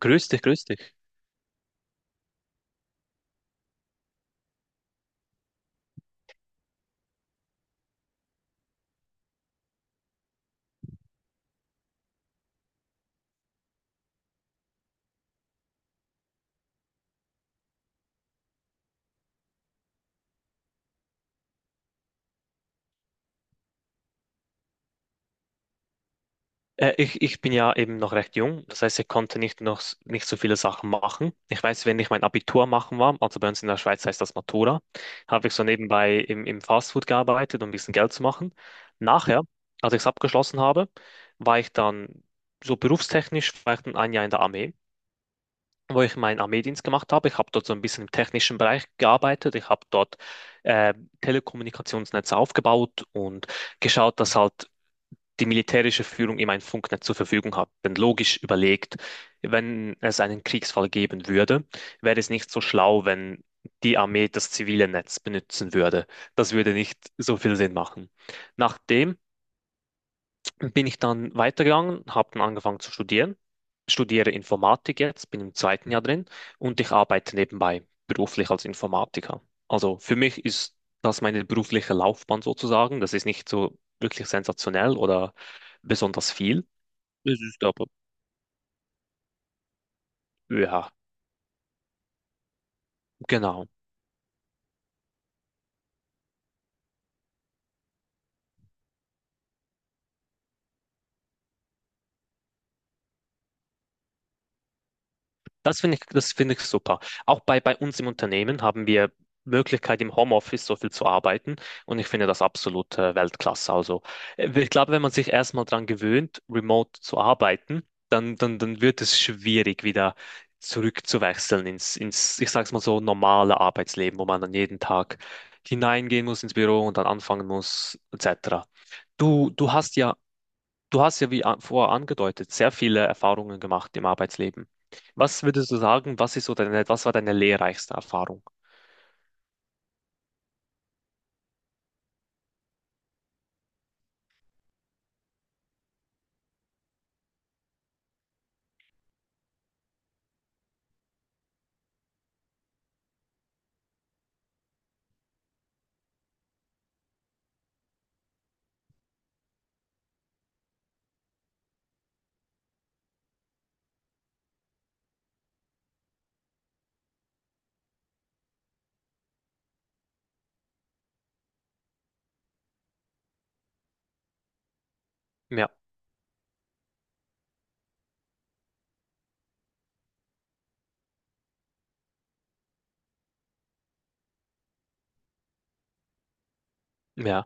Grüß dich, grüß dich. Ich bin ja eben noch recht jung, das heißt, ich konnte nicht noch s- nicht so viele Sachen machen. Ich weiß, wenn ich mein Abitur machen war, also bei uns in der Schweiz heißt das Matura, habe ich so nebenbei im Fastfood gearbeitet, um ein bisschen Geld zu machen. Nachher, als ich es abgeschlossen habe, war ich dann war ich dann ein Jahr in der Armee, wo ich meinen Armeedienst gemacht habe. Ich habe dort so ein bisschen im technischen Bereich gearbeitet. Ich habe dort äh, Telekommunikationsnetze aufgebaut und geschaut, dass halt die militärische Führung ihm ein Funknetz zur Verfügung hat. Denn logisch überlegt, wenn es einen Kriegsfall geben würde, wäre es nicht so schlau, wenn die Armee das zivile Netz benutzen würde. Das würde nicht so viel Sinn machen. Nachdem bin ich dann weitergegangen, habe dann angefangen zu studieren, studiere Informatik jetzt, bin im zweiten Jahr drin und ich arbeite nebenbei beruflich als Informatiker. Also für mich ist das meine berufliche Laufbahn sozusagen. Das ist nicht so wirklich sensationell oder besonders viel. Es ist aber, ja, genau. Das finde ich super. Auch bei uns im Unternehmen haben wir Möglichkeit, im Homeoffice so viel zu arbeiten. Und ich finde das absolut Weltklasse. Also, ich glaube, wenn man sich erstmal daran gewöhnt, remote zu arbeiten, dann wird es schwierig, wieder zurückzuwechseln ins, ich sag's mal so, normale Arbeitsleben, wo man dann jeden Tag hineingehen muss ins Büro und dann anfangen muss, etc. Du, du hast ja Du hast ja, wie vorher angedeutet, sehr viele Erfahrungen gemacht im Arbeitsleben. Was würdest du sagen, was ist so deine, was war deine lehrreichste Erfahrung? Ja, ja,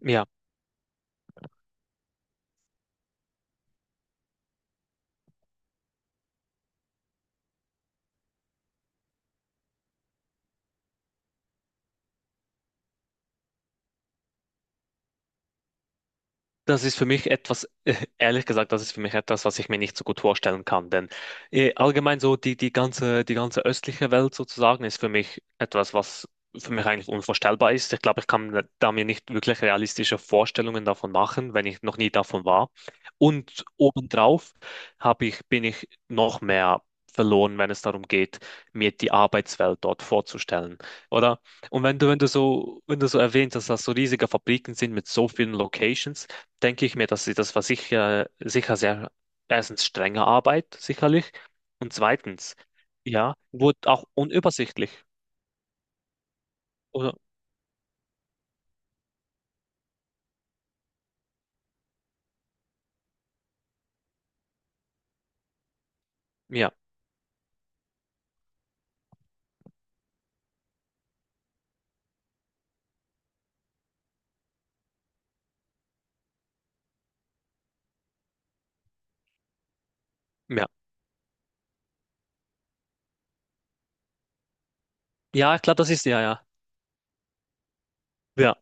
ja. Das ist für mich etwas, ehrlich gesagt, das ist für mich etwas, was ich mir nicht so gut vorstellen kann. Denn allgemein so die ganze östliche Welt sozusagen ist für mich etwas, was für mich eigentlich unvorstellbar ist. Ich glaube, ich kann da mir nicht wirklich realistische Vorstellungen davon machen, wenn ich noch nie davon war. Und obendrauf bin ich noch mehr verloren, wenn es darum geht, mir die Arbeitswelt dort vorzustellen. Oder? Und wenn du so erwähnt hast, dass das so riesige Fabriken sind mit so vielen Locations, denke ich mir, dass sie das war sicher, sicher sehr, erstens strenge Arbeit, sicherlich. Und zweitens, ja, wurde auch unübersichtlich. Oder, ja, ja. Ja, klar, das ist, ja, ja. Ja.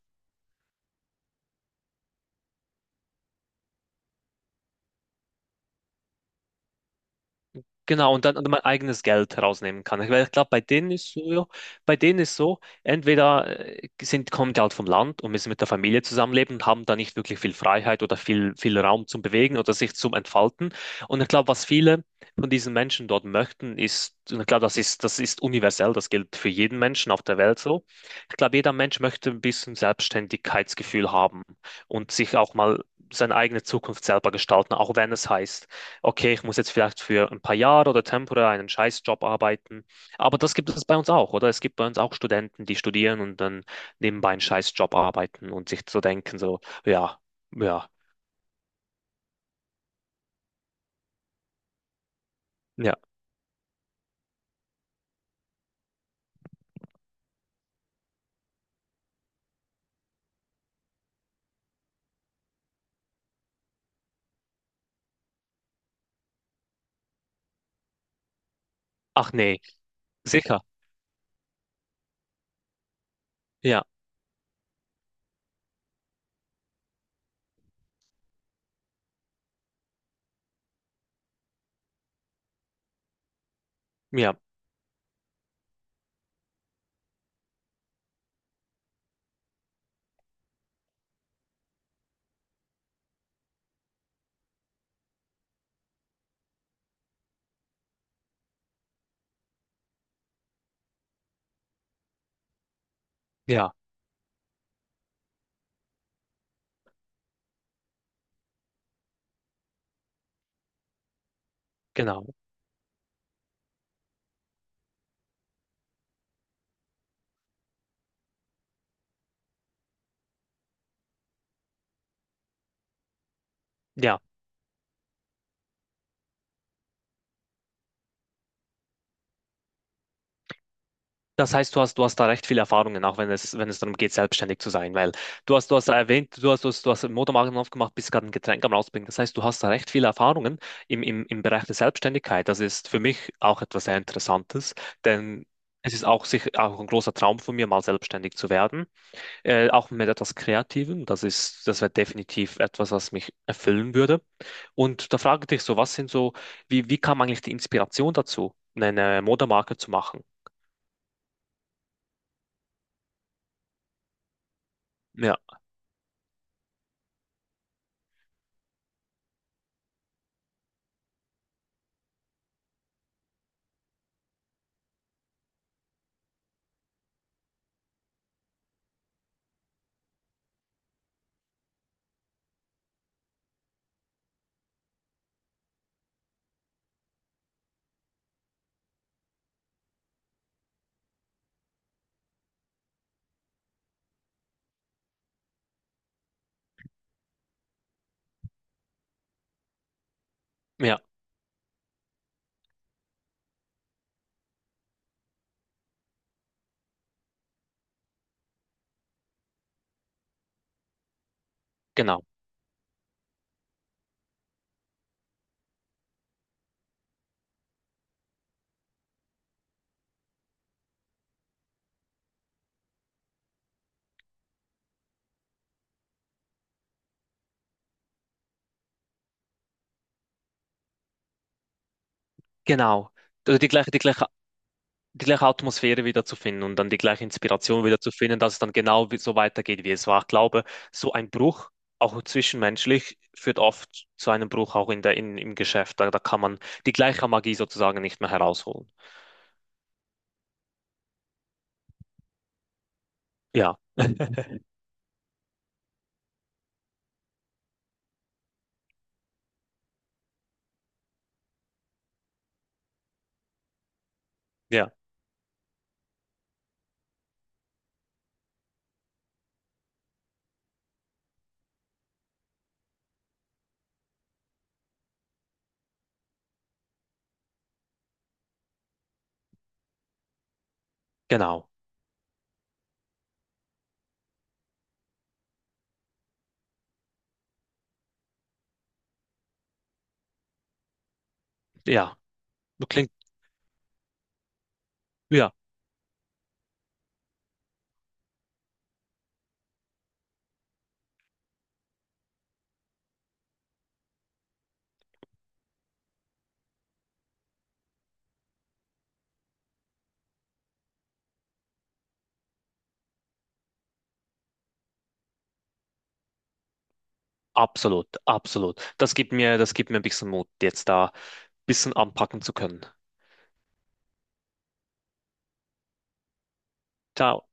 Genau, und dann mein eigenes Geld herausnehmen kann. Weil ich glaube, bei denen ist so, ja, bei denen ist so, entweder kommen die halt vom Land und müssen mit der Familie zusammenleben und haben da nicht wirklich viel Freiheit oder viel Raum zum Bewegen oder sich zum Entfalten. Und ich glaube, was viele von diesen Menschen dort möchten, ist, und ich glaube, das ist universell, das gilt für jeden Menschen auf der Welt so. Ich glaube, jeder Mensch möchte ein bisschen Selbstständigkeitsgefühl haben und sich auch mal seine eigene Zukunft selber gestalten, auch wenn es heißt, okay, ich muss jetzt vielleicht für ein paar Jahre oder temporär einen Scheißjob arbeiten. Aber das gibt es bei uns auch, oder? Es gibt bei uns auch Studenten, die studieren und dann nebenbei einen Scheißjob arbeiten und sich so denken, so, ja, ja, ja. Ach nee, sicher. Ja, ja, ja, genau. Ja. Das heißt, du hast da recht viele Erfahrungen, auch wenn es, wenn es darum geht, selbstständig zu sein, weil du hast erwähnt, du hast, du hast, du hast einen Motormarken aufgemacht, bist gerade ein Getränk am rausbringen. Das heißt, du hast da recht viele Erfahrungen im Bereich der Selbstständigkeit. Das ist für mich auch etwas sehr Interessantes, denn es ist auch sicher auch ein großer Traum von mir, mal selbstständig zu werden, auch mit etwas Kreativem. Das wäre definitiv etwas, was mich erfüllen würde. Und da frage ich dich so, was sind so, wie kam eigentlich die Inspiration dazu, eine Modemarke zu machen? Ja. Ja. Genau, genau. Also die gleiche Atmosphäre wieder zu finden und dann die gleiche Inspiration wieder zu finden, dass es dann genau so weitergeht, wie es war. Ich glaube, so ein Bruch, auch zwischenmenschlich, führt oft zu einem Bruch auch im Geschäft. Da kann man die gleiche Magie sozusagen nicht mehr herausholen. Ja, ja, genau. Ja, klingt, ja, absolut, absolut. Das gibt mir ein bisschen Mut, jetzt da ein bisschen anpacken zu können. Ciao.